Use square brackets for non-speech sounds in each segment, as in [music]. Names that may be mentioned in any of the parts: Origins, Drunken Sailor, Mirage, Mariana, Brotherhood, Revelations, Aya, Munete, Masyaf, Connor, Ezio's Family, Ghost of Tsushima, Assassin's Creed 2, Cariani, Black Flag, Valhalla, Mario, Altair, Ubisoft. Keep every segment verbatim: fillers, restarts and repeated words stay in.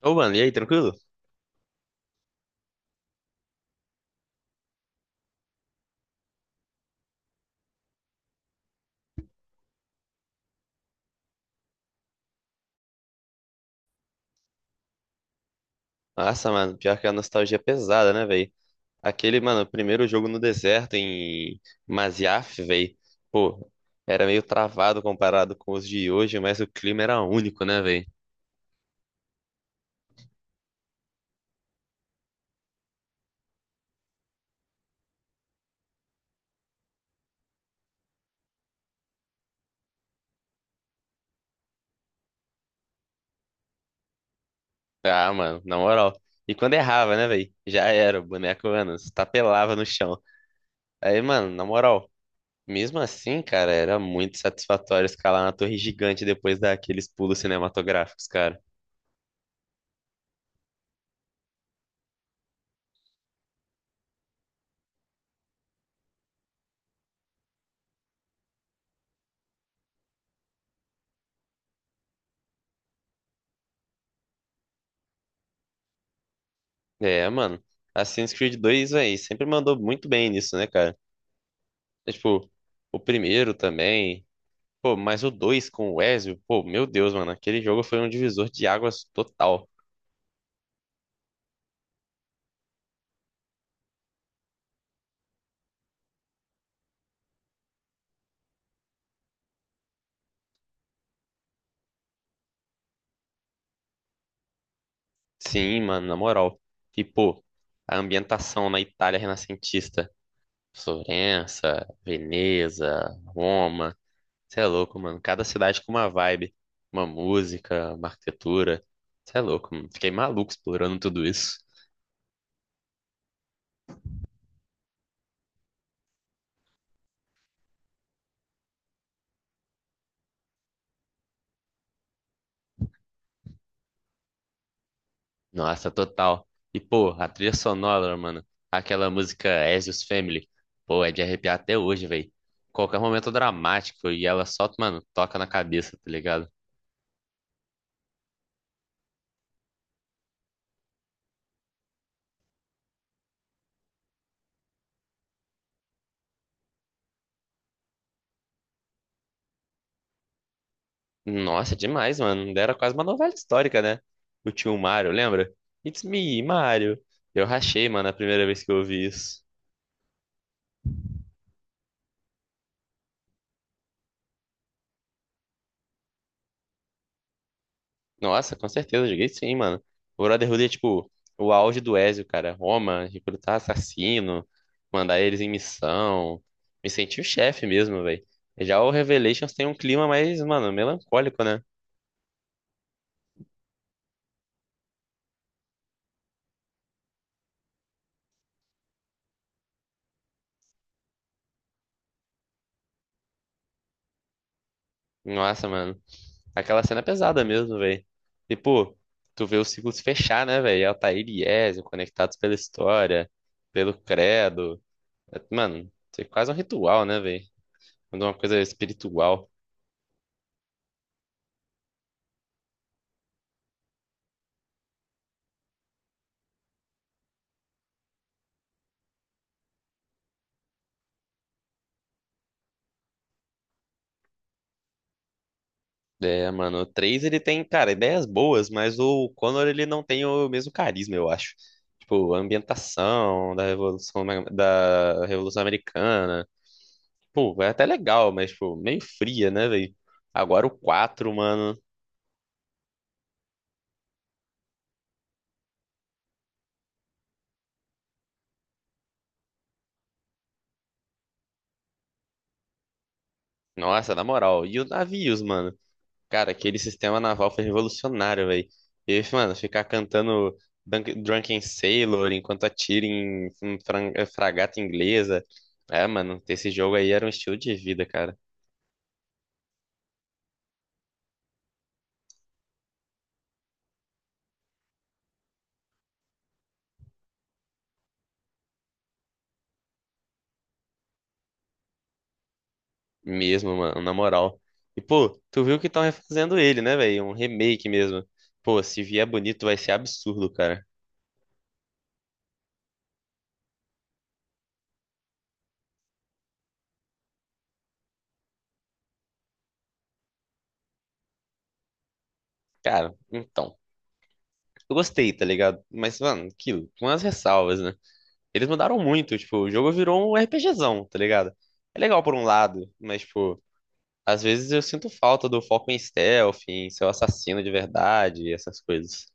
Ô, mano, e aí, tranquilo? Nossa, mano, pior que a nostalgia é pesada, né, velho? Aquele, mano, primeiro jogo no deserto em Masyaf, velho. Pô, era meio travado comparado com os de hoje, mas o clima era único, né, velho? Ah, mano, na moral. E quando errava, né, velho? Já era, o boneco, mano, se tapelava no chão. Aí, mano, na moral, mesmo assim, cara, era muito satisfatório escalar na torre gigante depois daqueles pulos cinematográficos, cara. É, mano. Assassin's Creed dois, velho, sempre mandou muito bem nisso, né, cara? É, tipo, o primeiro também. Pô, mas o dois com o Ezio, pô, meu Deus, mano, aquele jogo foi um divisor de águas total. Sim, mano, na moral. E, pô, a ambientação na Itália renascentista. Florença, Veneza, Roma. Você é louco, mano. Cada cidade com uma vibe, uma música, uma arquitetura. Você é louco, mano. Fiquei maluco explorando tudo isso. Nossa, total. E, pô, a trilha sonora, mano. Aquela música Ezio's Family. Pô, é de arrepiar até hoje, velho. Qualquer momento dramático e ela só, mano, toca na cabeça, tá ligado? Nossa, demais, mano. Era quase uma novela histórica, né? O tio Mario, lembra? It's me, Mario. Eu rachei, mano, a primeira vez que eu ouvi isso. Nossa, com certeza, joguei sim, mano. O Brotherhood é tipo o auge do Ezio, cara. Roma, recrutar assassino, mandar eles em missão. Me senti o chefe mesmo, velho. Já o Revelations tem um clima mais, mano, melancólico, né? Nossa, mano. Aquela cena é pesada mesmo, velho. Tipo, tu vê o ciclo se fechar, né, velho? Altair e Ezio conectados pela história, pelo credo. É, Mano, isso é quase um ritual, né, velho? Quando uma coisa é espiritual. É, mano, o três ele tem, cara, ideias boas, mas o Connor ele não tem o mesmo carisma, eu acho. Tipo, a ambientação da Revolução, da Revolução Americana. Pô, é até legal, mas, tipo, meio fria, né, velho? Agora o quatro mano. Nossa, na moral. E os navios, mano. Cara, aquele sistema naval foi revolucionário, velho. E, mano, ficar cantando Dunk- Drunken Sailor enquanto atira em em fran- eh, fragata inglesa. É, mano, esse jogo aí era um estilo de vida, cara. Mesmo, mano, na moral. E, pô, tu viu que estão refazendo ele, né, velho? Um remake mesmo. Pô, se vier bonito, vai ser absurdo, cara. Cara, então. Eu gostei, tá ligado? Mas, mano, aquilo, com as ressalvas, né? Eles mudaram muito, tipo, o jogo virou um RPGzão, tá ligado? É legal por um lado, mas, tipo, às vezes eu sinto falta do foco em stealth, em ser o assassino de verdade, essas coisas.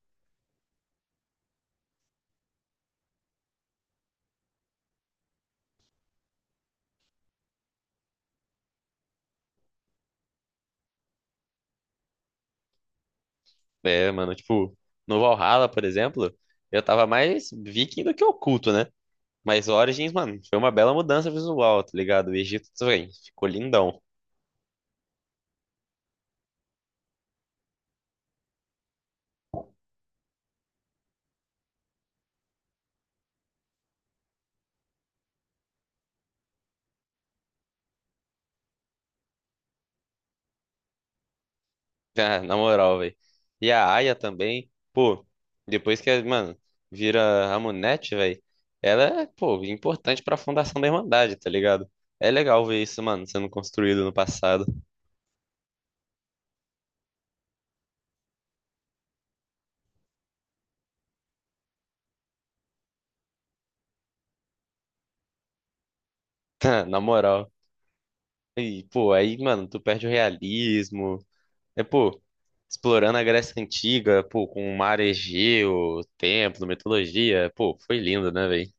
É, mano, tipo, no Valhalla, por exemplo, eu tava mais viking do que oculto, né? Mas Origins, mano, foi uma bela mudança visual, tá ligado? O Egito também ficou lindão. [laughs] Ah, na moral, velho. E a Aya também, pô, depois que, mano, vira a Munete, velho, ela é, pô, importante pra fundação da Irmandade, tá ligado? É legal ver isso, mano, sendo construído no passado. [laughs] Na moral. E, pô, aí, mano, tu perde o realismo. É, pô, explorando a Grécia Antiga, pô, com o mar Egeu, o templo, mitologia. Pô, foi lindo, né, velho?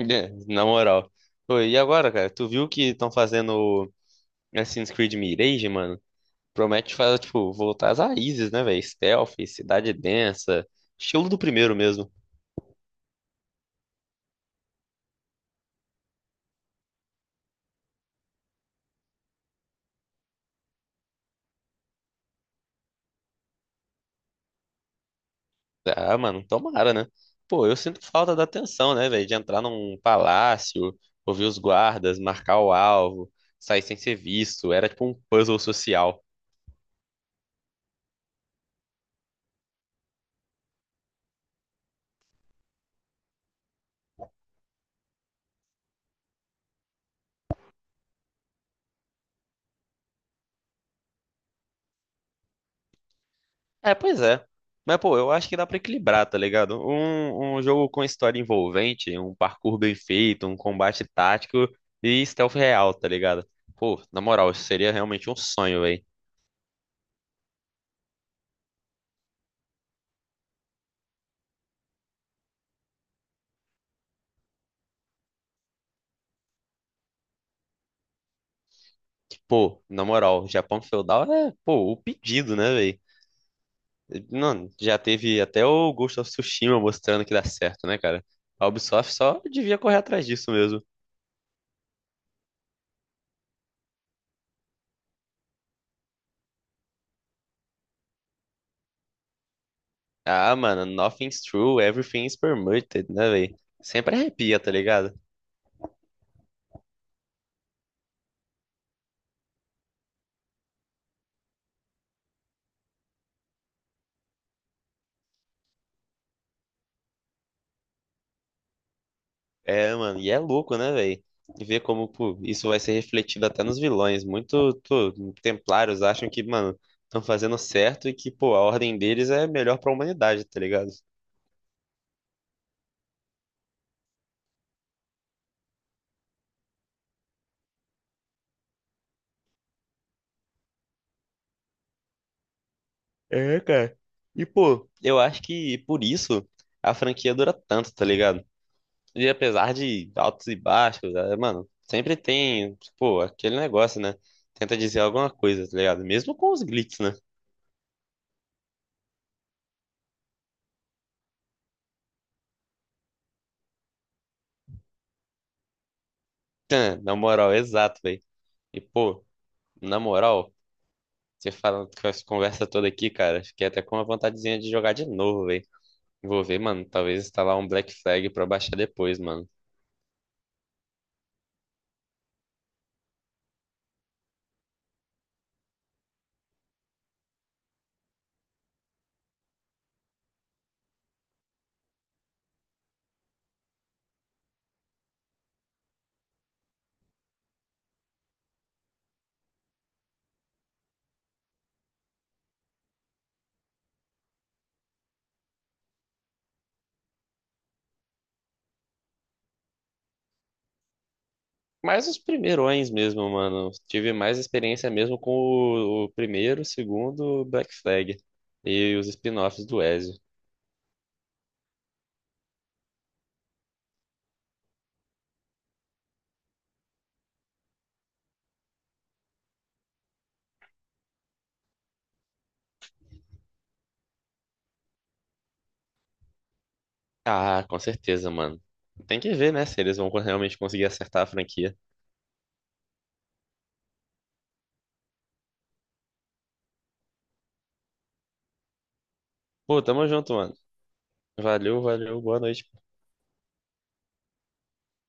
É, na moral. Pô, e agora, cara? Tu viu que estão fazendo o Assassin's Creed Mirage, mano? Promete fazer, tipo, voltar às raízes, né, velho? Stealth, cidade densa, estilo do primeiro mesmo. Ah, mano, tomara, né? Pô, eu sinto falta da atenção, né, velho? De entrar num palácio, ouvir os guardas, marcar o alvo, sair sem ser visto. Era tipo um puzzle social. É, pois é. Mas, pô, eu acho que dá pra equilibrar, tá ligado? Um, um jogo com história envolvente, um parkour bem feito, um combate tático e stealth real, tá ligado? Pô, na moral, isso seria realmente um sonho, velho. Pô, na moral, Japão feudal é, pô, o pedido, né, velho? Não, já teve até o Ghost of Tsushima mostrando que dá certo, né, cara? A Ubisoft só devia correr atrás disso mesmo. Ah, mano, nothing's true, everything's permitted, né, velho? Sempre arrepia, tá ligado? É, mano, e é louco, né, velho? Ver como, pô, isso vai ser refletido até nos vilões. Muito, pô, templários acham que, mano, estão fazendo certo e que, pô, a ordem deles é melhor pra humanidade, tá ligado? É, cara. E, pô, eu acho que por isso a franquia dura tanto, tá ligado? E apesar de altos e baixos, é, mano, sempre tem, pô, aquele negócio, né? Tenta dizer alguma coisa, tá ligado? Mesmo com os glitches, né? [laughs] Tã, Na moral, exato, velho. E, pô, na moral. Você falando com essa conversa toda aqui, cara, fiquei até com uma vontadezinha de jogar de novo, velho. Vou ver, mano, talvez instalar um Black Flag pra baixar depois, mano. Mas os primeirões mesmo, mano. Tive mais experiência mesmo com o, o primeiro, o segundo Black Flag e os spin-offs do Ezio. Ah, com certeza, mano. Tem que ver, né, se eles vão realmente conseguir acertar a franquia. Pô, tamo junto, mano. Valeu, valeu, boa noite.